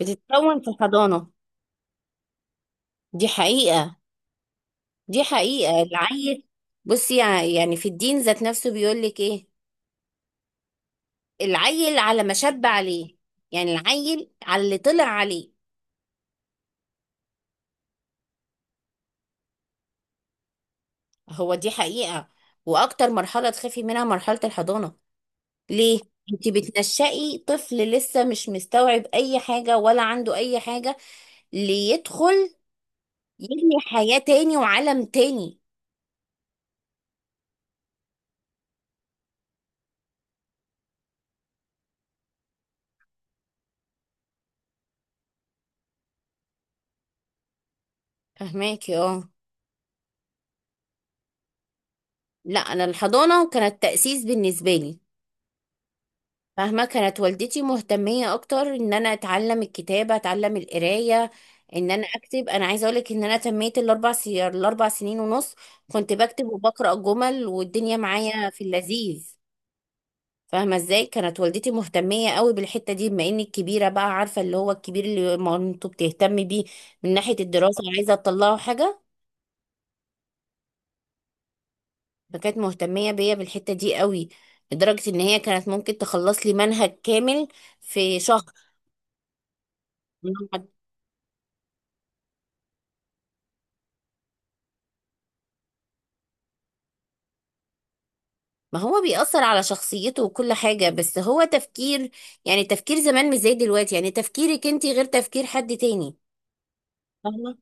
بتتكون في الحضانة. دي حقيقة. دي حقيقة العيل. بصي، يعني في الدين ذات نفسه بيقول لك ايه؟ العيل على ما شب عليه، يعني العيل على اللي طلع عليه. هو دي حقيقة، واكتر مرحلة تخافي منها مرحلة الحضانة. ليه؟ انت بتنشئي طفل لسه مش مستوعب اي حاجة ولا عنده اي حاجة ليدخل يبني حياة تاني وعالم تاني. فهماكي، اه. لا، انا الحضانة كانت تأسيس بالنسبة لي. فاهمة، كانت والدتي مهتمية اكتر ان انا اتعلم الكتابة، اتعلم القراية، ان انا اكتب. انا عايزة اقولك ان انا تميت الاربع 4 سنين ونص كنت بكتب وبقرأ جمل، والدنيا معايا في اللذيذ. فاهمة ازاي؟ كانت والدتي مهتمية قوي بالحتة دي، بما اني الكبيرة بقى، عارفة اللي هو الكبير اللي مامته بتهتم بيه من ناحية الدراسة، عايزة تطلعه حاجة. فكانت مهتمية بيا بالحتة دي قوي، لدرجة ان هي كانت ممكن تخلص لي منهج كامل في شهر. ما هو بيأثر على شخصيته وكل حاجة، بس هو تفكير، يعني تفكير زمان مش زي دلوقتي، يعني تفكيرك انت غير تفكير حد تاني. فاهمة؟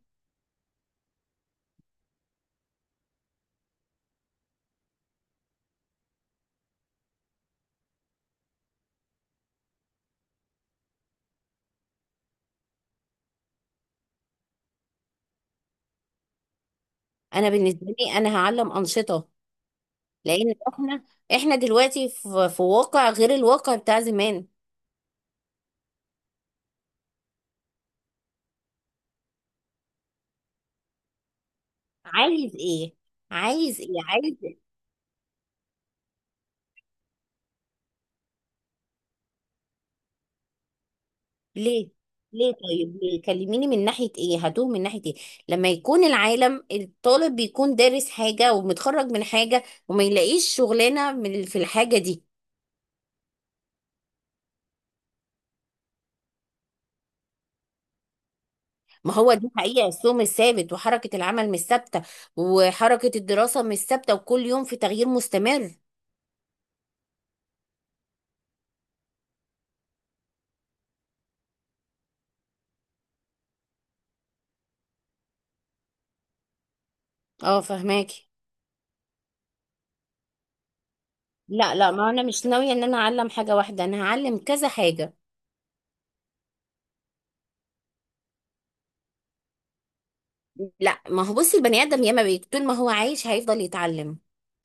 انا بالنسبة لي، انا هعلم أنشطة، لان احنا دلوقتي في، واقع غير الواقع بتاع زمان. عايز ايه؟ عايز ايه؟ عايز إيه؟ ليه؟ ليه؟ طيب، ليه؟ كلميني، من ناحية ايه هتوه؟ من ناحية ايه؟ لما يكون العالم الطالب بيكون دارس حاجة ومتخرج من حاجة وما يلاقيش شغلانة من في الحاجة دي. ما هو دي حقيقة، السوق مش ثابت، وحركة العمل مش ثابتة، وحركة الدراسة مش ثابتة، وكل يوم في تغيير مستمر. اه، فهماكي. لا لا، ما انا مش ناوية ان انا اعلم حاجة واحدة، انا هعلم كذا حاجة. لا، ما هو بصي، البني ادم ياما بي طول ما هو عايش هيفضل يتعلم.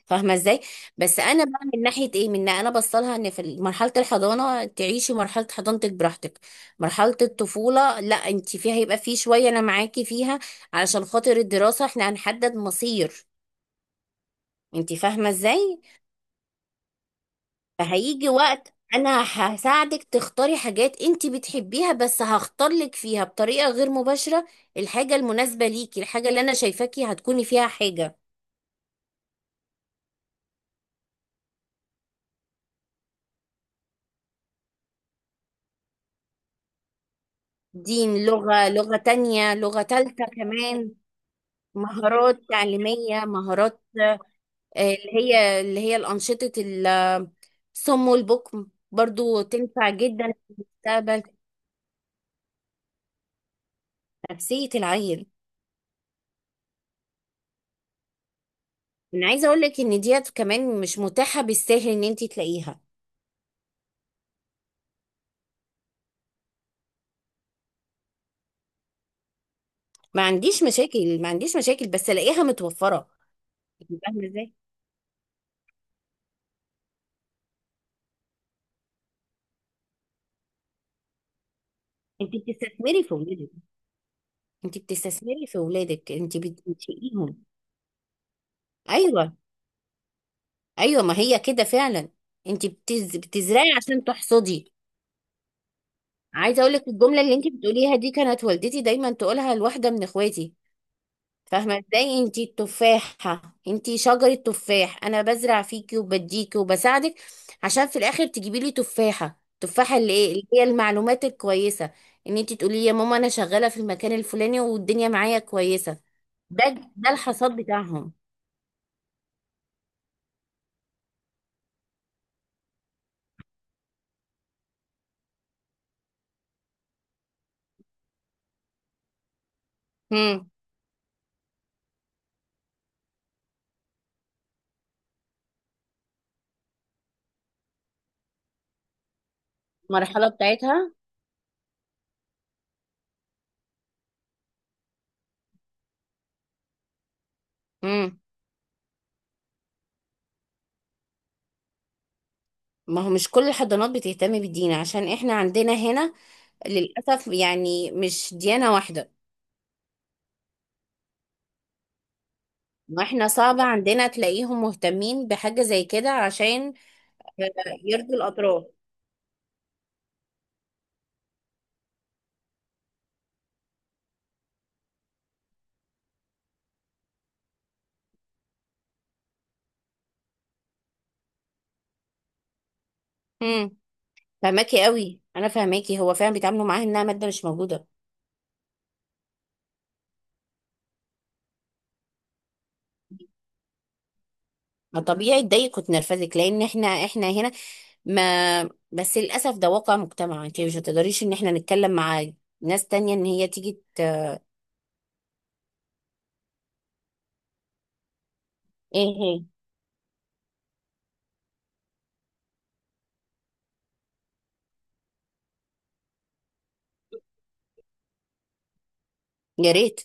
فاهمة ازاي؟ بس انا بقى من ناحية ايه، من انا بصلها ان في مرحلة الحضانة تعيشي مرحلة حضانتك براحتك. مرحلة الطفولة لا، انت فيها هيبقى في شوية انا معاكي فيها، علشان خاطر الدراسة احنا هنحدد مصير. انت فاهمة ازاي؟ فهيجي وقت انا هساعدك تختاري حاجات انت بتحبيها، بس هختار لك فيها بطريقة غير مباشرة، الحاجة المناسبة ليكي، الحاجة اللي انا شايفاكي هتكوني فيها حاجة. دين، لغة، لغة تانية، لغة تالتة كمان. مهارات تعليمية، مهارات. آه، اللي هي الأنشطة الصم والبكم برضو تنفع جدا في المستقبل، نفسية العيل. انا عايزة اقول لك ان ديت كمان مش متاحة بالسهل ان انت تلاقيها. ما عنديش مشاكل، ما عنديش مشاكل، بس الاقيها متوفره. انت فاهمه ازاي؟ انت بتستثمري في اولادك، انت بتستثمري في اولادك، انت بتنشئيهم. ايوه، ايوه، ما هي كده فعلا. انت بتزرعي عشان تحصدي. عايزه اقول لك، الجمله اللي انت بتقوليها دي كانت والدتي دايما تقولها لواحده من اخواتي. فاهمة ازاي؟ انتي التفاحة، انتي شجرة تفاح، انا بزرع فيكي وبديكي وبساعدك، عشان في الاخر تجيبي لي تفاحة، تفاحة اللي ايه، اللي هي المعلومات الكويسة، ان انتي تقولي يا ماما انا شغالة في المكان الفلاني والدنيا معايا كويسة. ده ده الحصاد بتاعهم. امم المرحلة بتاعتها. امم ما هو مش كل الحضانات بتهتم بالدين، عشان احنا عندنا هنا للأسف يعني مش ديانة واحدة. واحنا صعب عندنا تلاقيهم مهتمين بحاجة زي كده عشان يرضي الاطراف. امم فهماكي قوي، انا فهماكي، هو فعلا بيتعاملوا معاها انها ماده مش موجوده. ما طبيعي تضايقك وتنرفزك، لان احنا هنا ما بس للاسف ده واقع مجتمع، انت مش هتقدريش ان احنا نتكلم مع ناس تانية ان هي تيجي ايه هي؟ يا ريت،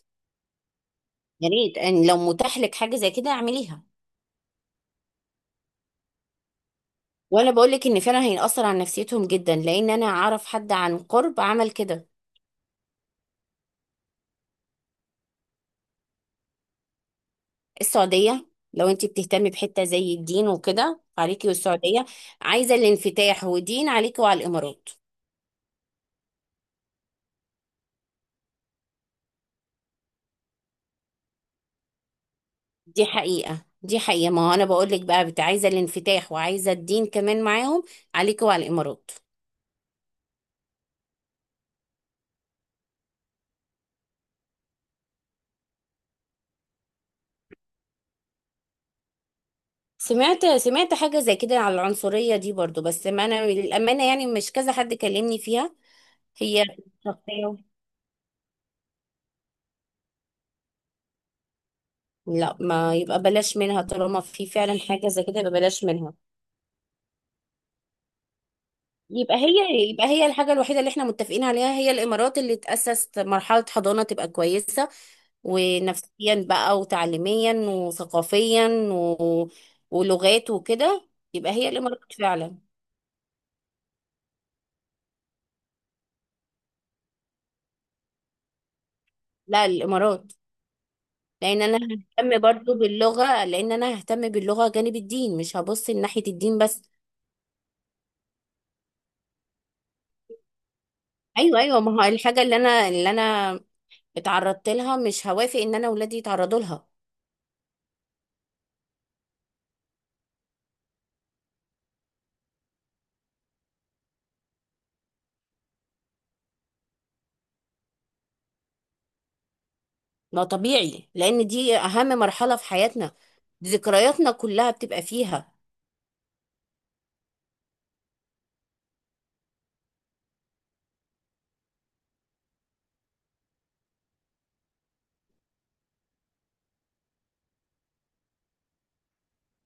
يا ريت ان لو متاح لك حاجه زي كده اعمليها. وانا بقول لك ان فعلا هيأثر على نفسيتهم جدا، لان انا اعرف حد عن قرب عمل كده. السعودية. لو انت بتهتمي بحتة زي الدين وكده، عليكي والسعودية. عايزة الانفتاح ودين، عليكي وعلى الإمارات. دي حقيقة، دي حقيقة، ما هو أنا بقول لك بقى بت عايزة الانفتاح وعايزة الدين كمان معاهم، عليكي وعلى الإمارات. سمعت حاجة زي كده على العنصرية دي برضو، بس ما أنا للأمانة يعني مش كذا حد كلمني فيها. هي شخصية. لا، ما يبقى بلاش منها، طالما في فعلا حاجة زي كده يبقى بلاش منها. يبقى هي الحاجة الوحيدة اللي احنا متفقين عليها، هي الإمارات، اللي تأسس مرحلة حضانة تبقى كويسة ونفسيا بقى وتعليميا وثقافيا و... ولغات وكده. يبقى هي الإمارات فعلا. لا، الإمارات. لأن أنا ههتم برضو باللغة، لأن أنا ههتم باللغة جانب الدين، مش هبص ناحية الدين بس. أيوه، أيوه، ما هو الحاجة اللي أنا اتعرضت لها مش هوافق إن أنا ولادي يتعرضوا لها. ما طبيعي، لان دي اهم مرحله في حياتنا، ذكرياتنا كلها بتبقى فيها.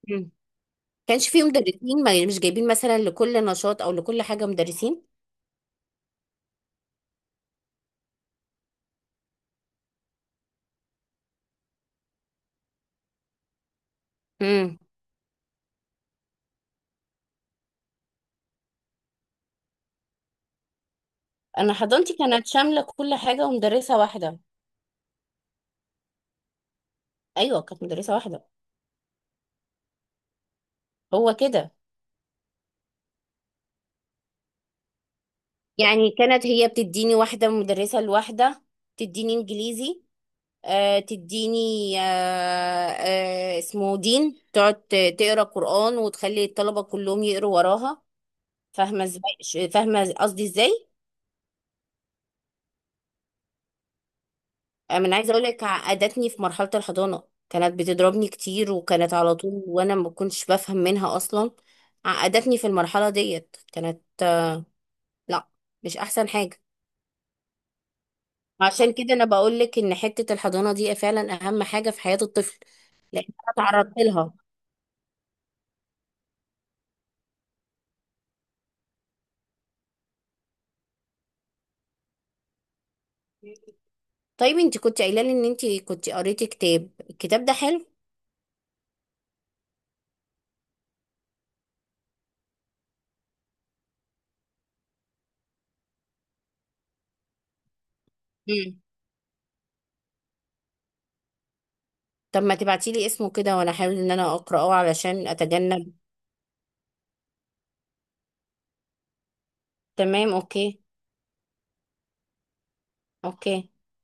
مم. كانش فيه مدرسين، ما مش جايبين مثلا لكل نشاط او لكل حاجه مدرسين. مم. انا حضانتي كانت شامله كل حاجه ومدرسه واحده. ايوه، كانت مدرسه واحده. هو كده. يعني كانت هي بتديني، واحده مدرسه الواحده، تديني انجليزي، آه تديني، آه، آه اسمه دين، تقعد تقرا قران وتخلي الطلبه كلهم يقروا وراها. فاهمه ازاي؟ فاهمه قصدي ازاي؟ انا عايزه اقول لك، عقدتني في مرحله الحضانه. كانت بتضربني كتير وكانت على طول وانا ما كنتش بفهم منها اصلا. عقدتني في المرحله ديت، كانت لا، مش احسن حاجه. عشان كده انا بقول لك ان حته الحضانه دي فعلا اهم حاجه في حياه الطفل، لان انا اتعرضت لها. طيب انت كنت قايله لي ان انت كنت قريتي كتاب، الكتاب ده حلو؟ امم، طب ما تبعتي لي اسمه كده، وانا احاول ان انا اقراه علشان اتجنب. تمام، اوكي. اوكي.